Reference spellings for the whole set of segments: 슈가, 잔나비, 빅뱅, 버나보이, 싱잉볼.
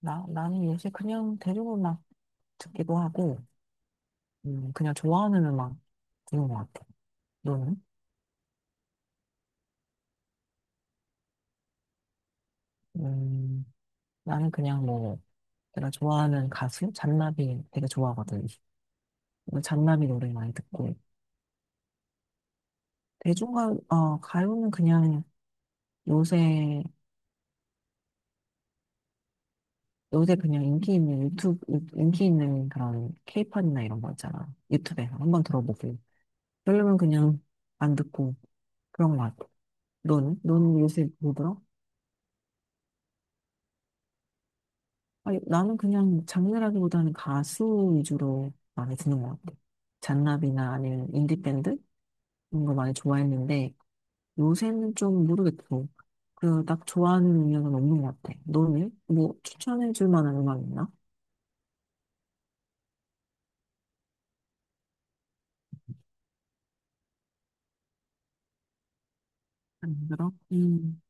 나는 요새 그냥 대륙 음악 듣기도 하고, 그냥 좋아하는 음악 듣는 것 같아. 너는? 음, 나는 그냥 뭐, 내가 좋아하는 가수, 잔나비 되게 좋아하거든. 그래서 잔나비 노래 많이 듣고. 대중가, 가요는 그냥 요새, 요새 그냥 인기 있는 인기 있는 그런 케이팝이나 이런 거 있잖아. 유튜브에서 한번 들어보고. 그러면 그냥 안 듣고 그런 것 같아. 너는? 너는 요새 뭐 들어? 아니, 나는 그냥 장르라기보다는 가수 위주로 많이 듣는 것 같아. 잔나비나 아니면 인디밴드? 이런 거 많이 좋아했는데, 요새는 좀 모르겠고, 그, 딱 좋아하는 음악은 없는 것 같아. 너는? 뭐, 추천해줄 만한 음악 있나? 안 들어?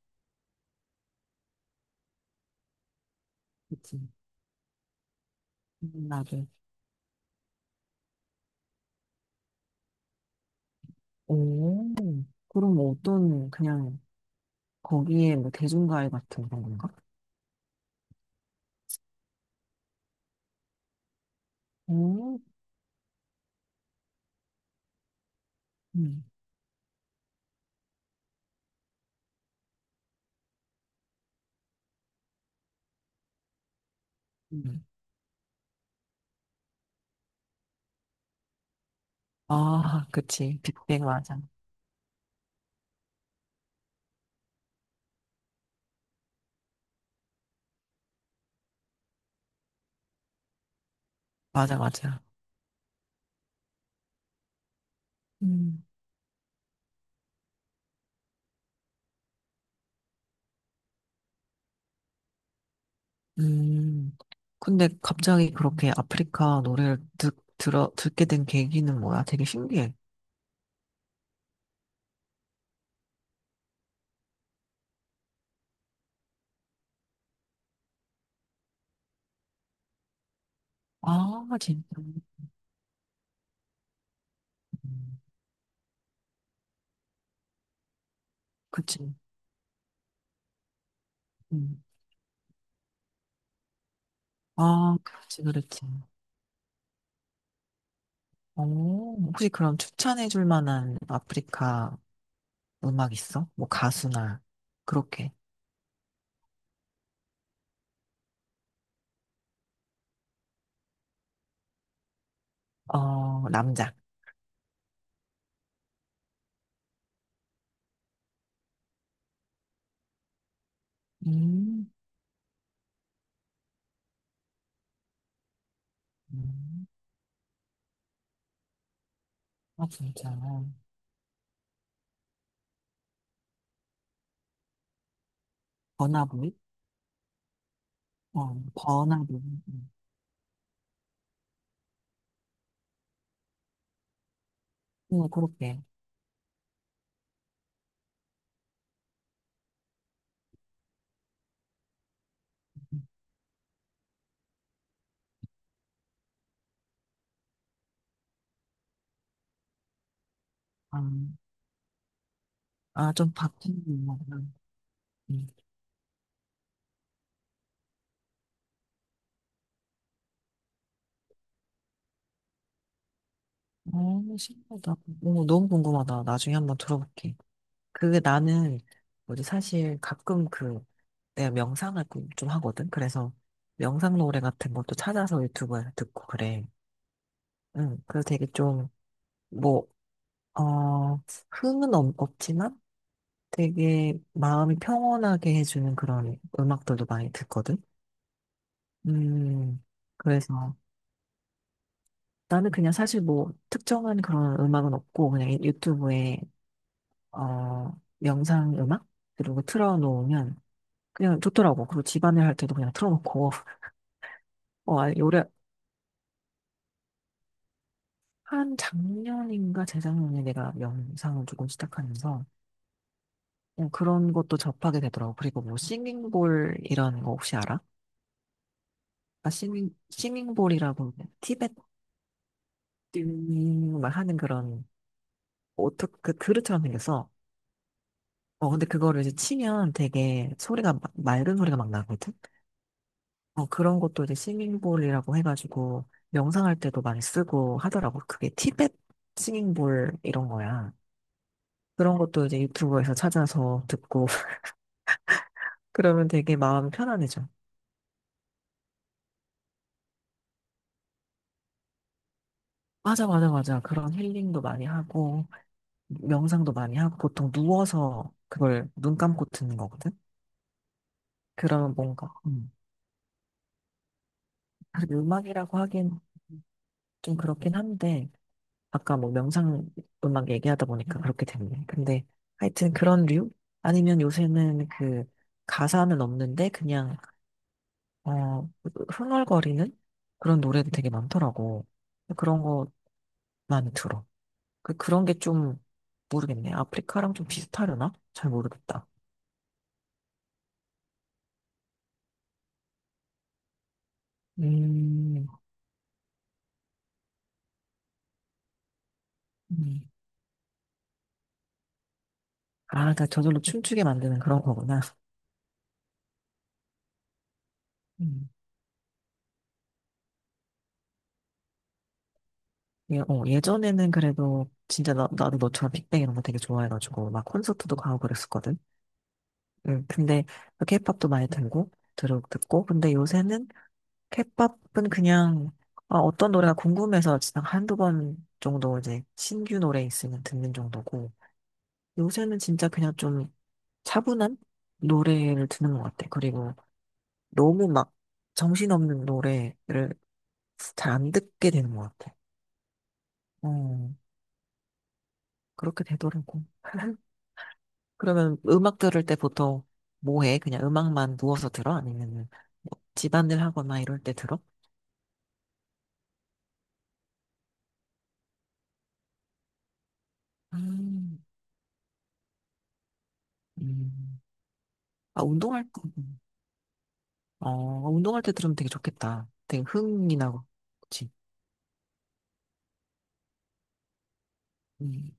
그치. 나도. 오, 그럼 뭐 어떤, 그냥, 거기에 뭐, 대중가요 같은 그런 건가? 오, 음, 음. 아, 그치. 빅뱅 맞아. 맞아, 맞아. 음. 음, 근데 갑자기 그렇게 아프리카 노래를 듣게 된 계기는 뭐야? 되게 신기해. 아, 진짜. 음, 그치. 음. 아, 그렇지, 그렇지. 오, 혹시 그럼 추천해 줄 만한 아프리카 음악 있어? 뭐 가수나, 그렇게. 어, 남자. 음, 음. 아, 진짜. 버나보이? 어, 버나보이. 응, 그렇게. 음. 아, 아, 좀 바뀐 음악. 어, 신기하다. 오, 너무 궁금하다. 나중에 한번 들어볼게. 그게 나는, 뭐지, 사실 가끔 그, 내가 명상을 꿈좀 하거든? 그래서 명상 노래 같은 것도 찾아서 유튜브에서 듣고 그래. 응, 그래서 되게 좀, 뭐, 어, 흥은 없지만 되게 마음이 평온하게 해주는 그런 음악들도 많이 듣거든? 음, 그래서 나는 그냥 사실 뭐 특정한 그런 음악은 없고 그냥 유튜브에 어, 명상 음악? 그리고 틀어놓으면 그냥 좋더라고. 그리고 집안일 할 때도 그냥 틀어놓고. 어, 아니, 올해 한 작년인가 재작년에 내가 명상을 조금 시작하면서 그냥 그런 것도 접하게 되더라고. 그리고 뭐 싱잉볼 이런 거 혹시 알아? 아, 싱잉볼이라고 티베트인이 막 하는 그런 오토, 그 그릇처럼 생겼어. 어, 근데 그거를 이제 치면 되게 맑은 소리가 막 나거든? 어, 그런 것도 이제 싱잉볼이라고 해가지고 명상할 때도 많이 쓰고 하더라고. 그게 티벳 싱잉볼 이런 거야. 그런 것도 이제 유튜브에서 찾아서 듣고 그러면 되게 마음이 편안해져. 맞아, 맞아, 맞아. 그런 힐링도 많이 하고 명상도 많이 하고 보통 누워서 그걸 눈 감고 듣는 거거든. 그러면 뭔가 사실 음악이라고 하긴 좀 그렇긴 한데 아까 뭐 명상 음악 얘기하다 보니까 그렇게 됐네. 근데 하여튼 그런 류? 아니면 요새는 그 가사는 없는데 그냥 어 흥얼거리는 그런 노래도 되게 많더라고. 그런 거 많이 들어. 그 그런 게 좀 모르겠네. 아프리카랑 좀 비슷하려나? 잘 모르겠다. 음, 음, 아, 그러니까 저절로 춤추게 만드는 그런 거구나. 음, 예전에는 그래도 진짜 나도 너처럼 빅뱅 이런 거 되게 좋아해가지고 막 콘서트도 가고 그랬었거든. 근데 케이팝도 많이 들고 들어 듣고 근데 요새는 케이팝은 그냥 아, 어떤 노래가 궁금해서 그냥 한두 번 정도 이제 신규 노래 있으면 듣는 정도고 요새는 진짜 그냥 좀 차분한 노래를 듣는 것 같아. 그리고 너무 막 정신없는 노래를 잘 안 듣게 되는 것 같아. 어, 그렇게 되더라고. 그러면 음악 들을 때 보통 뭐 해? 그냥 음악만 누워서 들어? 아니면은 뭐 집안일 하거나 이럴 때 들어? 음, 음. 아, 운동할 때 들으면 되게 좋겠다. 되게 흥이 나고, 그치? 음,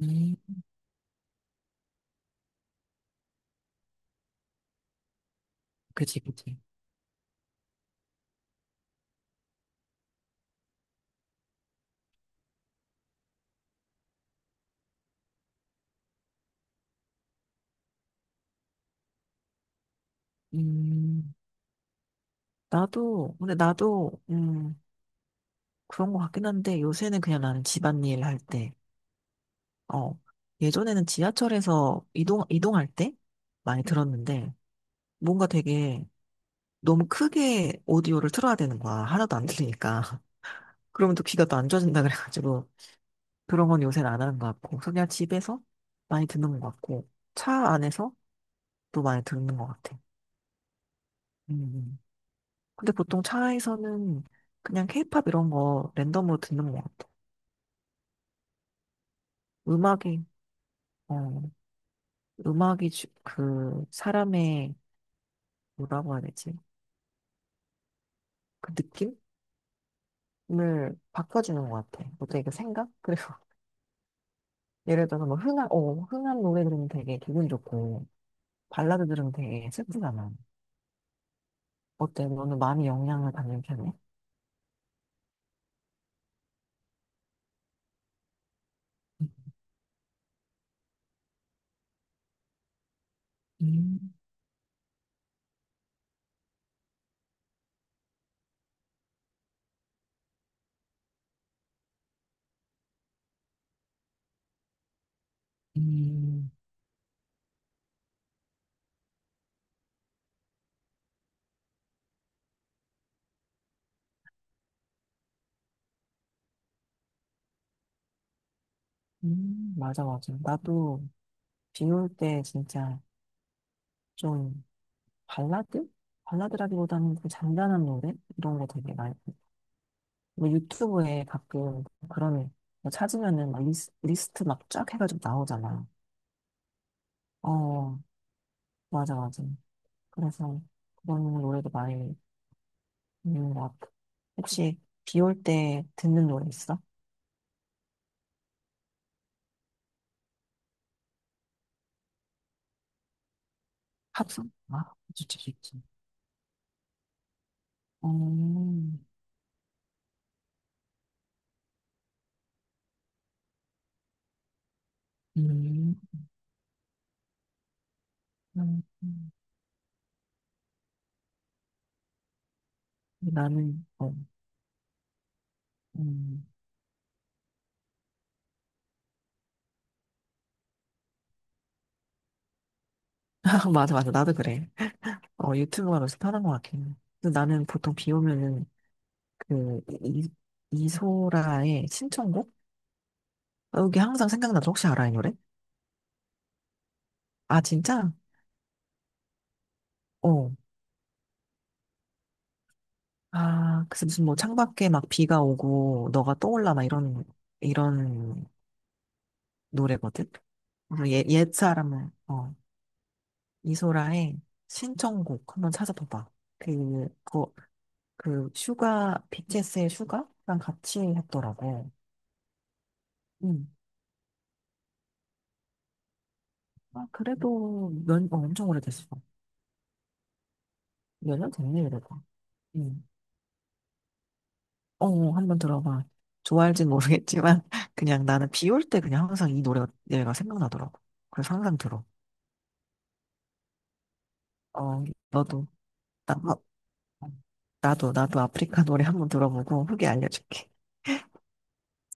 음, 그치, 그치. 음, 나도, 그런 것 같긴 한데, 요새는 그냥 나는 집안일 할 때, 어, 예전에는 지하철에서 이동할 때 많이 들었는데, 뭔가 되게 너무 크게 오디오를 틀어야 되는 거야. 하나도 안 들리니까. 그러면 또 귀가 또 안 좋아진다 그래가지고. 그런 건 요새는 안 하는 것 같고, 그냥 집에서 많이 듣는 것 같고, 차 안에서 또 많이 듣는 것 같아. 음. 음. 근데 보통 차에서는 그냥 케이팝 이런 거 랜덤으로 듣는 것 같아. 음악이, 어, 음악이 주- 그 사람의 뭐라고 해야 되지? 그 느낌을 바꿔주는 것 같아. 어때? 그 생각? 그리고 예를 들어서 뭐 흥한 노래 들으면 되게 기분 좋고, 발라드 들으면 되게 슬프잖아. 어때? 너는 많이 영향을 받는 편이야? 음. 음, 맞아, 맞아. 나도 비올 때 진짜 좀 발라드? 발라드라기보다는 좀 잔잔한 노래? 이런 거 되게 많이. 뭐 유튜브에 가끔 그런 거 찾으면은 막 리스트 막 쫙 해가지고 나오잖아. 어, 맞아, 맞아. 그래서 그런 노래도 많이 있는 것 같아. 혹시 비올 때 듣는 노래 있어? 팝송? 아, 좋지, 좋지. 어, 음, 음. 나는, 어, 음. 맞아, 맞아. 나도 그래. 어, 유튜브가 서새 편한 것 같긴 해. 근데 나는 보통 비 오면은 그 이소라의 신청곡? 여기 항상 생각나죠. 혹시 알아, 이 노래? 아, 진짜? 어. 아, 그래서 무슨 뭐 창밖에 막 비가 오고 너가 떠올라 막 이런, 이런 노래거든? 그래서 옛사람은, 어, 이소라의 신청곡 한번 찾아봐봐. 그, 그, 그 슈가, BTS의 슈가랑 같이 했더라고. 응. 아, 그래도 몇, 어, 엄청 오래됐어. 몇 년 됐네, 이러다. 응. 어, 어, 한번 들어봐. 좋아할진 모르겠지만, 그냥 나는 비올 때 그냥 항상 이 노래가 얘가 생각나더라고. 그래서 항상 들어. 어, 너도, 나, 어, 나도 아프리카 노래 한번 들어보고 후기 알려줄게.